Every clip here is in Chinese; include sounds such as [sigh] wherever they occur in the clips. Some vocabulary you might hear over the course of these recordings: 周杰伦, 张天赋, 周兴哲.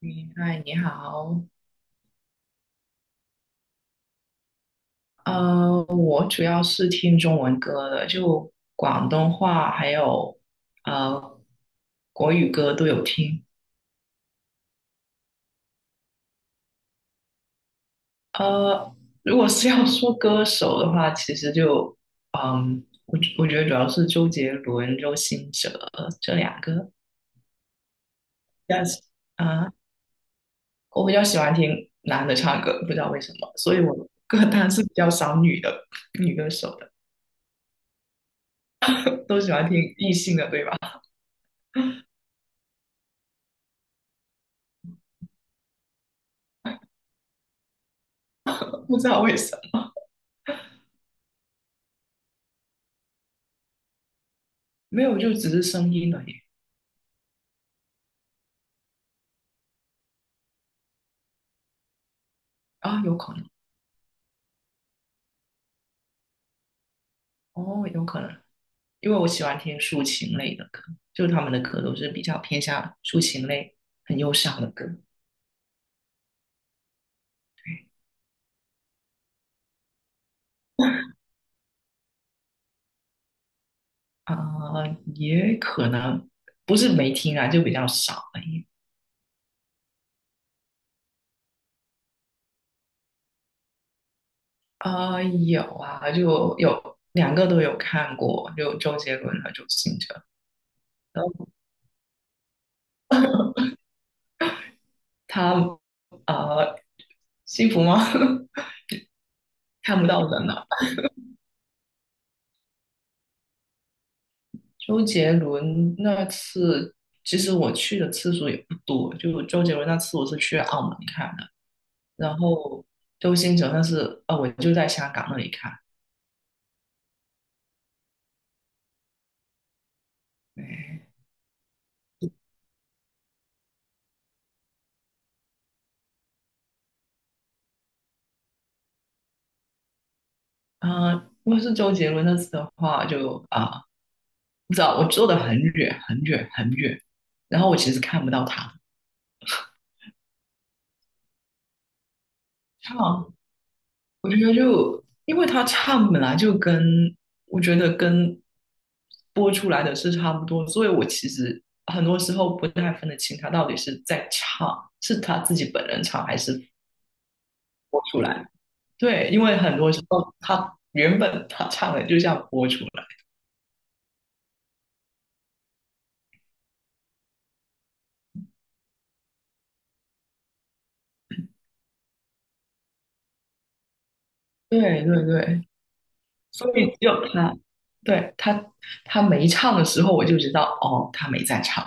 你嗨，你好。我主要是听中文歌的，就广东话还有呃国语歌都有听。呃，如果是要说歌手的话，其实我觉得主要是周杰伦、周兴哲这两个。但是啊，我比较喜欢听男的唱歌，不知道为什么，所以我歌单是比较少女的女歌手的，都喜欢听异性的，对吧？[laughs] 不知道为什么。没有，就只是声音而已。啊，有可能。哦，有可能，因为我喜欢听抒情类的歌，就他们的歌都是比较偏向抒情类、很忧伤的歌。对啊，也可能不是没听啊，就比较少而已。啊，有啊，就有两个都有看过，就周杰伦和周兴哲。然后他。呃，啊幸福吗？[laughs] 看不到人了。周杰伦那次，其实我去的次数也不多，就周杰伦那次我是去澳门看的，然后周星哲那次，我就在香港那里看。对。啊、如果是周杰伦那次的话，就不知道我坐的很远很远很远，然后我其实看不到他。他好像。我觉得就因为他唱本来就跟我觉得跟播出来的是差不多，所以我其实很多时候不太分得清他到底是在唱，是他自己本人唱还是播出来。对，因为很多时候他原本他唱的就像播出来。对对对，所以只有他，对，他没唱的时候，我就知道哦，他没在唱。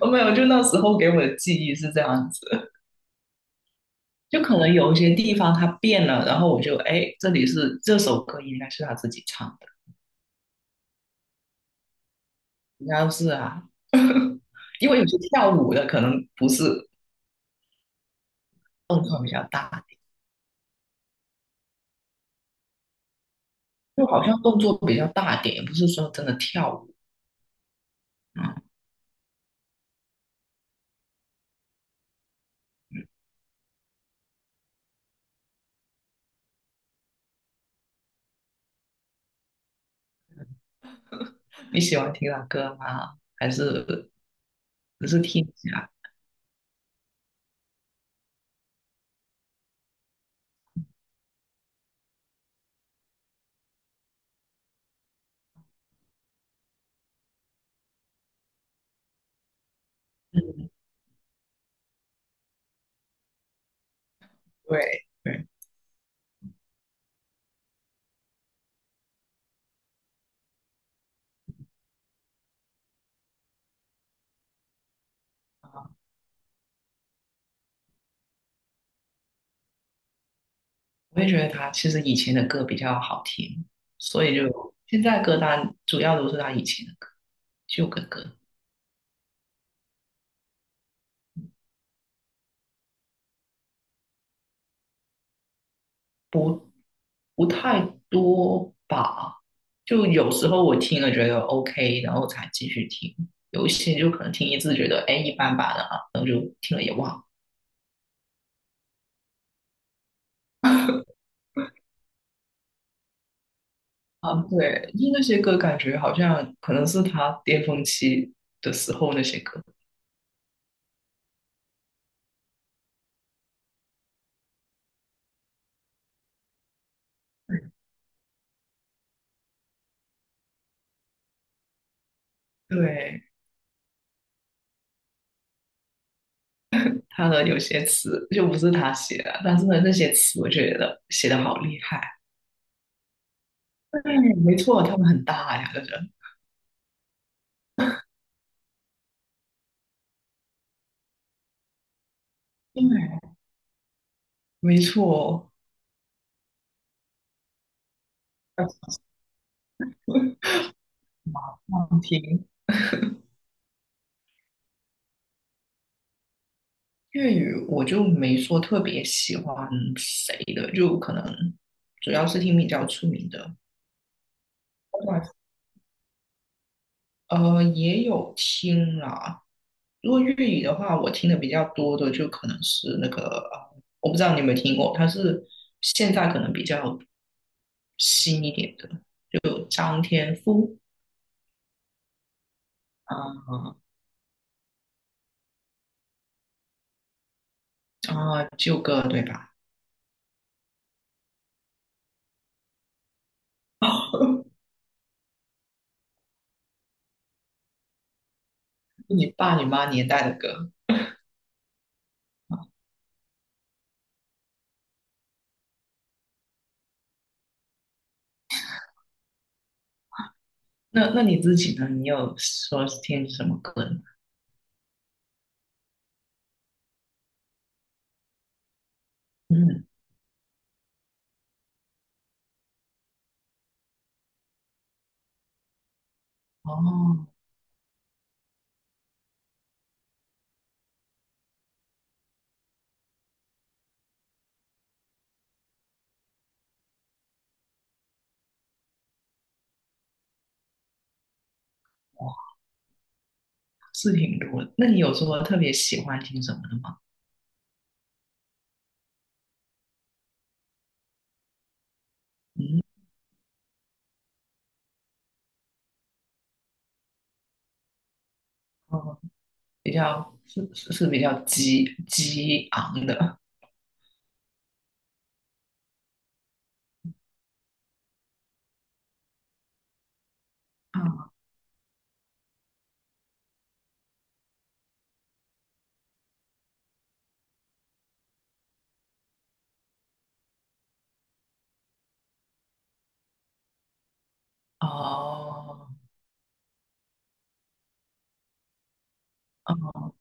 哦，没有，就那时候给我的记忆是这样子。就可能有一些地方他变了，然后我就哎，这里是这首歌应该是他自己唱的，应该是啊，因为有些跳舞的可能不是动作比较大，就好像动作比较大点，也不是说真的跳舞啊。嗯你喜欢听他歌吗？还是只是听一下？嗯，对对啊，我也觉得他其实以前的歌比较好听，所以就现在歌单主要都是他以前的歌，旧的歌。不不太多吧。就有时候我听了觉得 OK，然后才继续听；有一些就可能听一次觉得哎一般般的啊，然后就听了也忘了。啊，对，就那些歌感觉好像可能是他巅峰期的时候那些歌。对，他的有些词就不是他写的，但是呢，那些词我觉得写的好厉害。对，没错，他们很大呀，这是。对，没错，[laughs] 要常听。粤语我就没说特别喜欢谁的，就可能主要是听比较出名的，也有听啦。如果粤语的话，我听的比较多的就可能是那个，我不知道你有没有听过，他是现在可能比较新一点的，有张天赋。啊旧歌对吧？你爸你妈年代的歌。那你自己呢？你有说听什么歌呢？嗯，哦。是挺多的。那你有说特别喜欢听什么的吗？嗯，哦，比较是比较激昂的。啊，哦哦，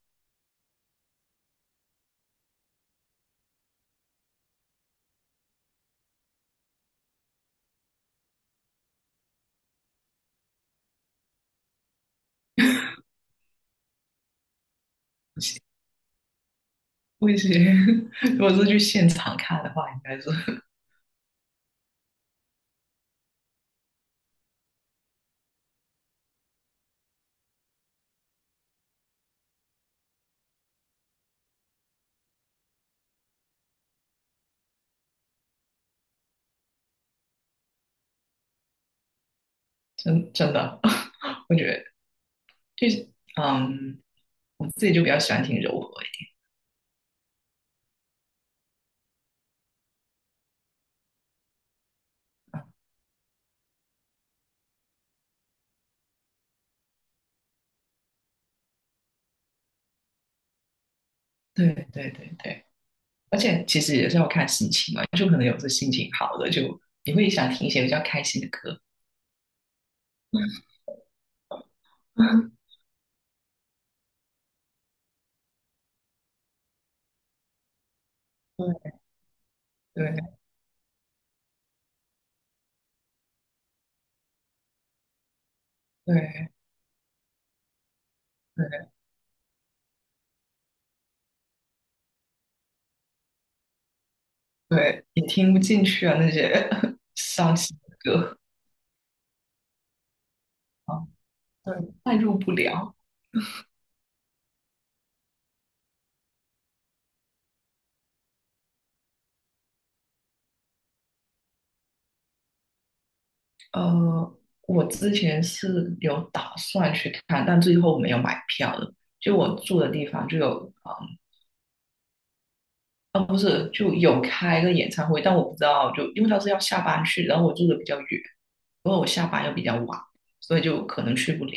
行不行。[laughs] 如果是去现场看的话，应该是真的，[laughs] 我觉得就是嗯，我自己就比较喜欢听柔和一点。对对对对，而且其实也是要看心情嘛，就可能有时心情好的就你会想听一些比较开心的歌。[laughs] 对对对对，对，也听不进去啊，那些 [laughs] 伤心的歌。啊，对，代入不了。呃，我之前是有打算去看，但最后没有买票的。就我住的地方就有。哦，不是，就有开个演唱会，但我不知道，就因为他是要下班去，然后我住的比较远，因为我下班又比较晚，所以就可能去不了。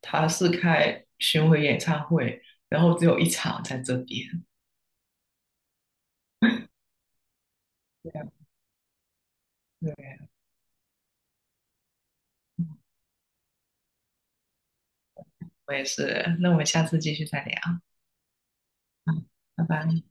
他是开巡回演唱会，然后只有一场在这边。对啊，对。我也是，那我们下次继续再聊。拜拜。